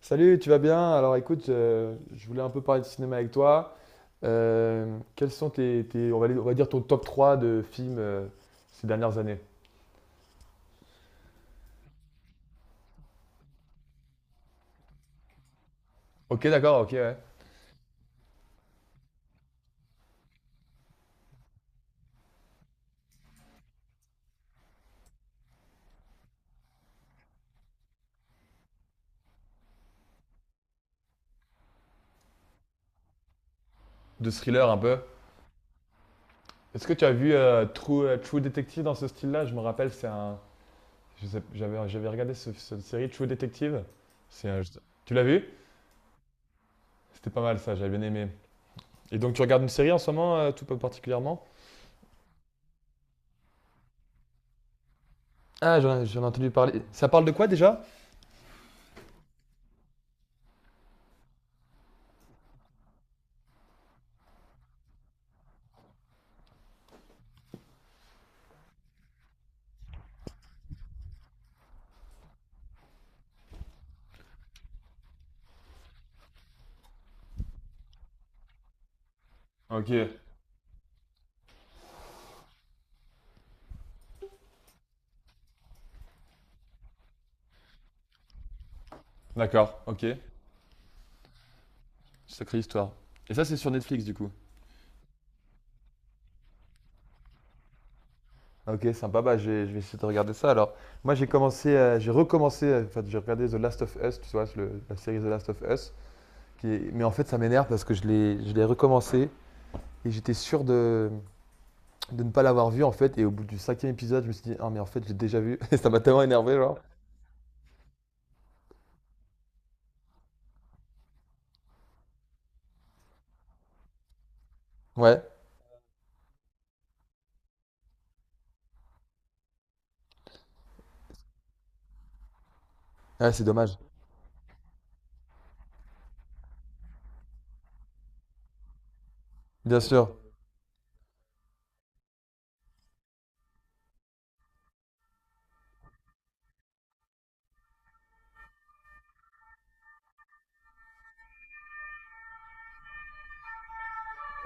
Salut, tu vas bien? Alors écoute, je voulais un peu parler de cinéma avec toi. Quels sont on on va dire ton top 3 de films ces dernières années? Ok, d'accord, ok, ouais. De thriller un peu. Est-ce que tu as vu True Detective dans ce style-là? Je me rappelle, c'est un, je sais- j'avais regardé cette série True Detective. C'est un- tu l'as vu? C'était pas mal ça, j'avais bien aimé. Et donc tu regardes une série en ce moment, tout particulièrement? Ah, j'en ai entendu parler. Ça parle de quoi déjà? Ok, d'accord, ok. Sacrée histoire. Et ça, c'est sur Netflix, du coup. Ok, sympa. Bah, je vais essayer de regarder ça. Alors, moi, j'ai recommencé, enfin, j'ai regardé The Last of Us, tu vois, la série The Last of Us. Mais en fait, ça m'énerve parce que je l'ai recommencé et j'étais sûr de ne pas l'avoir vu, en fait. Et au bout du cinquième épisode, je me suis dit, ah, mais en fait, j'ai déjà vu. Et ça m'a tellement énervé, genre. Ouais, ouais, c'est dommage. Bien sûr.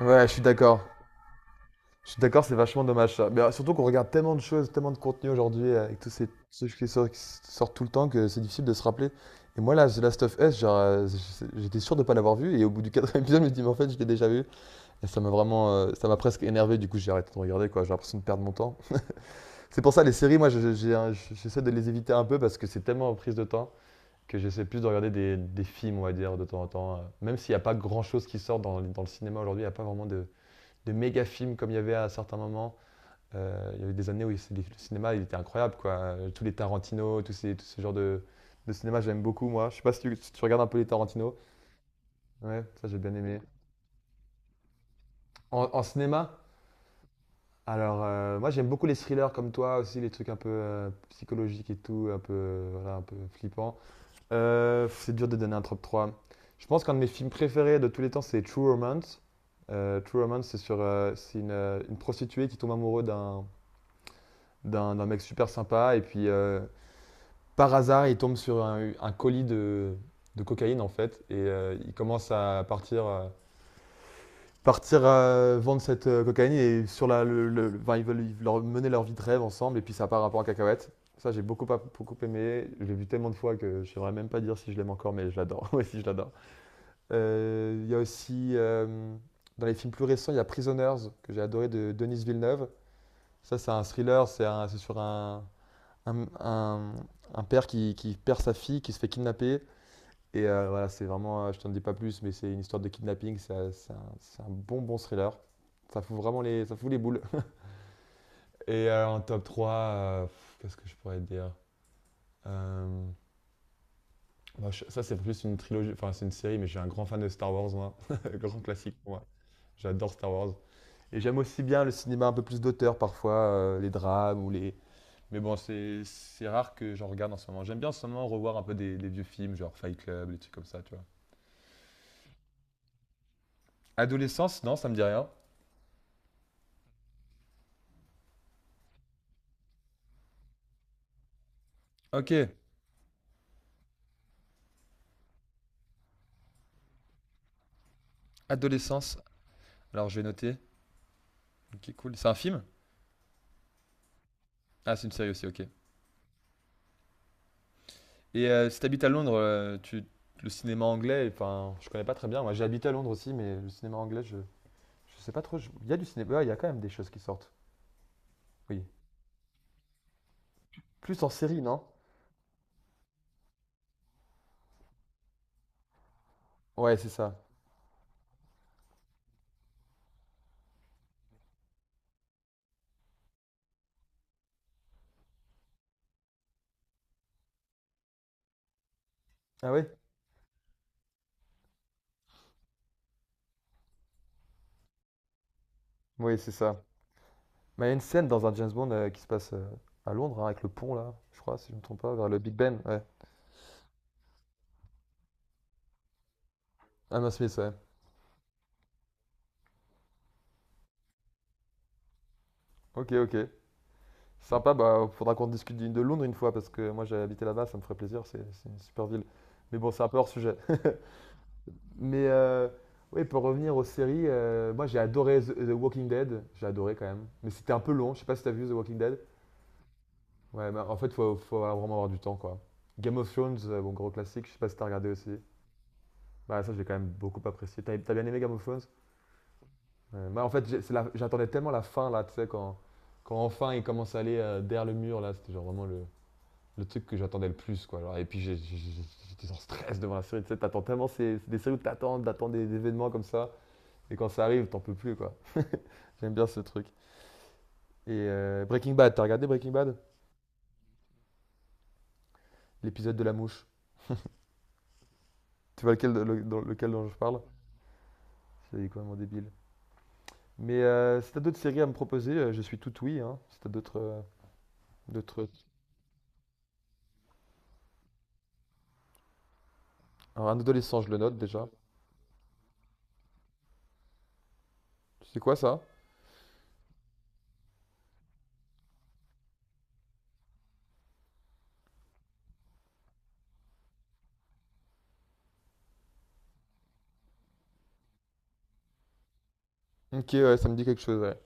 Ouais, je suis d'accord. Je suis d'accord, c'est vachement dommage ça. Mais surtout qu'on regarde tellement de choses, tellement de contenu aujourd'hui avec tous ces trucs qui sortent tout le temps que c'est difficile de se rappeler. Et moi là, The Last of Us, genre, j'étais sûr de ne pas l'avoir vu et au bout du quatrième épisode, je me dis mais en fait, je l'ai déjà vu. Et ça m'a vraiment, ça m'a presque énervé. Du coup, j'ai arrêté de regarder quoi. J'ai l'impression de perdre mon temps. C'est pour ça les séries, moi, j'essaie de les éviter un peu parce que c'est tellement en prise de temps que j'essaie plus de regarder des films, on va dire, de temps en temps. Même s'il n'y a pas grand chose qui sort dans, dans le cinéma aujourd'hui, il n'y a pas vraiment de méga films comme il y avait à certains moments. Il y a eu des années où le cinéma il était incroyable, quoi. Tous les Tarantino, tous ces, tout ce genre de cinéma, j'aime beaucoup, moi. Je sais pas si tu regardes un peu les Tarantino. Ouais, ça j'ai bien aimé. En, en cinéma, alors moi j'aime beaucoup les thrillers comme toi aussi, les trucs un peu psychologiques et tout, un peu, voilà, un peu flippants. C'est dur de donner un top trois. Je pense qu'un de mes films préférés de tous les temps, c'est True Romance. True Romance, c'est une prostituée qui tombe amoureuse d'un mec super sympa et puis par hasard, il tombe sur un colis de cocaïne en fait et il commence à partir vendre cette cocaïne et sur la le- enfin, ils veulent, mener leur vie de rêve ensemble et puis ça part un peu en cacahuète. Ça j'ai beaucoup aimé, je l'ai vu tellement de fois que je ne saurais même pas dire si je l'aime encore mais je l'adore. Ouais, si je l'adore. Il y a aussi dans les films plus récents, il y a Prisoners que j'ai adoré de Denis Villeneuve. Ça c'est un thriller, c'est sur un, un- un père qui perd sa fille, qui se fait kidnapper et voilà, c'est vraiment, je t'en dis pas plus, mais c'est une histoire de kidnapping, c'est un bon thriller. Ça fout vraiment les, ça fout les boules. Et en top 3 qu'est-ce que je pourrais te dire? Euh, Ça, c'est plus une trilogie, enfin, c'est une série, mais je suis un grand fan de Star Wars, moi. Grand classique pour moi. J'adore Star Wars. Et j'aime aussi bien le cinéma un peu plus d'auteur parfois, les drames ou les. Mais bon, c'est rare que j'en regarde en ce moment. J'aime bien en ce moment revoir un peu des vieux films, genre Fight Club, des trucs comme ça, tu vois. Adolescence, non, ça me dit rien. Ok, Adolescence. Alors, je vais noter. Ok, cool. C'est un film? Ah, c'est une série aussi, ok. Et si t'habites à Londres, le cinéma anglais, enfin, je connais pas très bien. Moi, j'ai habité à Londres aussi, mais le cinéma anglais, je sais pas trop. Il y a du cinéma, ouais, il y a quand même des choses qui sortent. Oui. Plus en série, non? Ouais, c'est ça. Ah ouais? Oui, c'est ça. Mais il y a une scène dans un James Bond qui se passe à Londres, hein, avec le pont là, je crois, si je me trompe pas, vers le Big Ben. Ouais. Hammer Smith, ouais. Ok, ok. Sympa, bah faudra qu'on discute de Londres une fois parce que moi j'ai habité là-bas, ça me ferait plaisir, c'est une super ville. Mais bon, c'est un peu hors sujet. Mais oui, pour revenir aux séries, moi j'ai adoré The Walking Dead, j'ai adoré quand même. Mais c'était un peu long, je sais pas si t'as vu The Walking Dead. Ouais, bah, en fait, faut vraiment avoir du temps quoi. Game of Thrones, bon gros classique, je sais pas si t'as regardé aussi. Bah ça j'ai quand même beaucoup apprécié. T'as bien aimé Game of Thrones? Moi en fait, j'ai- j'attendais tellement la fin là, tu sais, quand, quand enfin il commence à aller derrière le mur là, c'était genre vraiment le truc que j'attendais le plus. Quoi. Genre, et puis j'étais en stress devant la série. Tu sais, t'attends tellement ces, des séries où t'attends des événements comme ça. Et quand ça arrive, t'en peux plus. Quoi. J'aime bien ce truc. Et Breaking Bad, t'as regardé Breaking Bad? L'épisode de la mouche. Tu vois lequel, dans lequel dont je parle? C'est complètement débile. Mais si t'as d'autres séries à me proposer, je suis tout oui. Hein. Si t'as d'autres. D'autres... Alors, un adolescent, je le note déjà. C'est quoi ça? Ok, ouais, ça me dit quelque chose, ouais.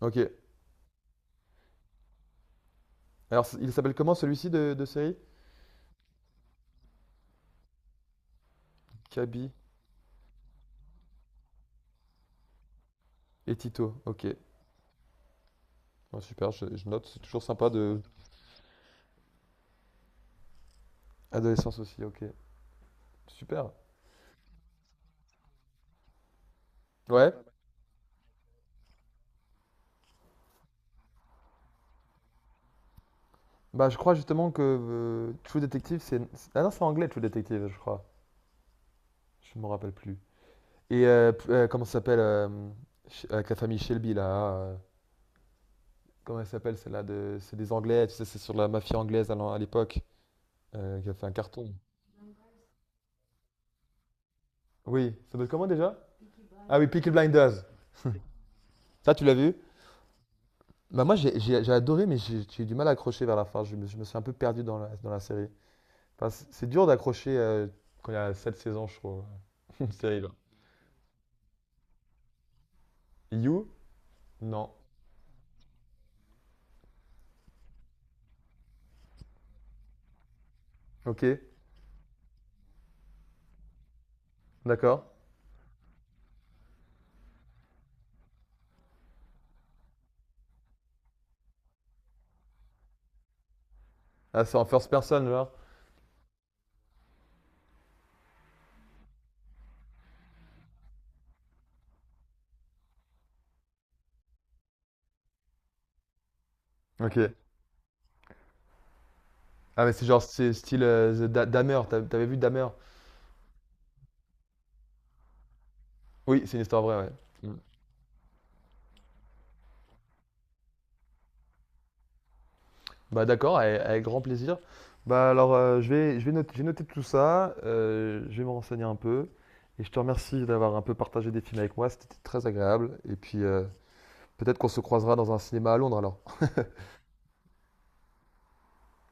Ok. Alors, il s'appelle comment celui-ci de série? Kaby et Tito. Ok. Ouais, super, je note, c'est toujours sympa de... Adolescence aussi, ok. Super. Ouais. Bah, je crois justement que True Detective, ah non, c'est anglais, True Detective, je crois. Je me rappelle plus. Et comment ça s'appelle avec la famille Shelby, là. Comment elle s'appelle, celle-là de... C'est des Anglais, tu sais, c'est sur la mafia anglaise à l'époque, qui a fait un carton. Oui, ça doit comment déjà? Ah oui, Peaky Blinders. Ça, tu l'as vu? Bah moi, j'ai adoré, mais j'ai eu du mal à accrocher vers la fin. Je me suis un peu perdu dans la série. Enfin, c'est dur d'accrocher quand il y a 7 saisons, je trouve, une série, là. You? Non. Ok, d'accord. Ah, c'est en first person, genre. Ok. Ah, mais c'est genre c'est style Dahmer. T'avais vu Dahmer? Oui, c'est une histoire vraie, ouais. Mm. Bah, d'accord, avec, avec grand plaisir. Bah, alors, je vais noter, j'ai noté tout ça. Je vais me renseigner un peu. Et je te remercie d'avoir un peu partagé des films avec moi. C'était très agréable. Et puis, peut-être qu'on se croisera dans un cinéma à Londres, alors.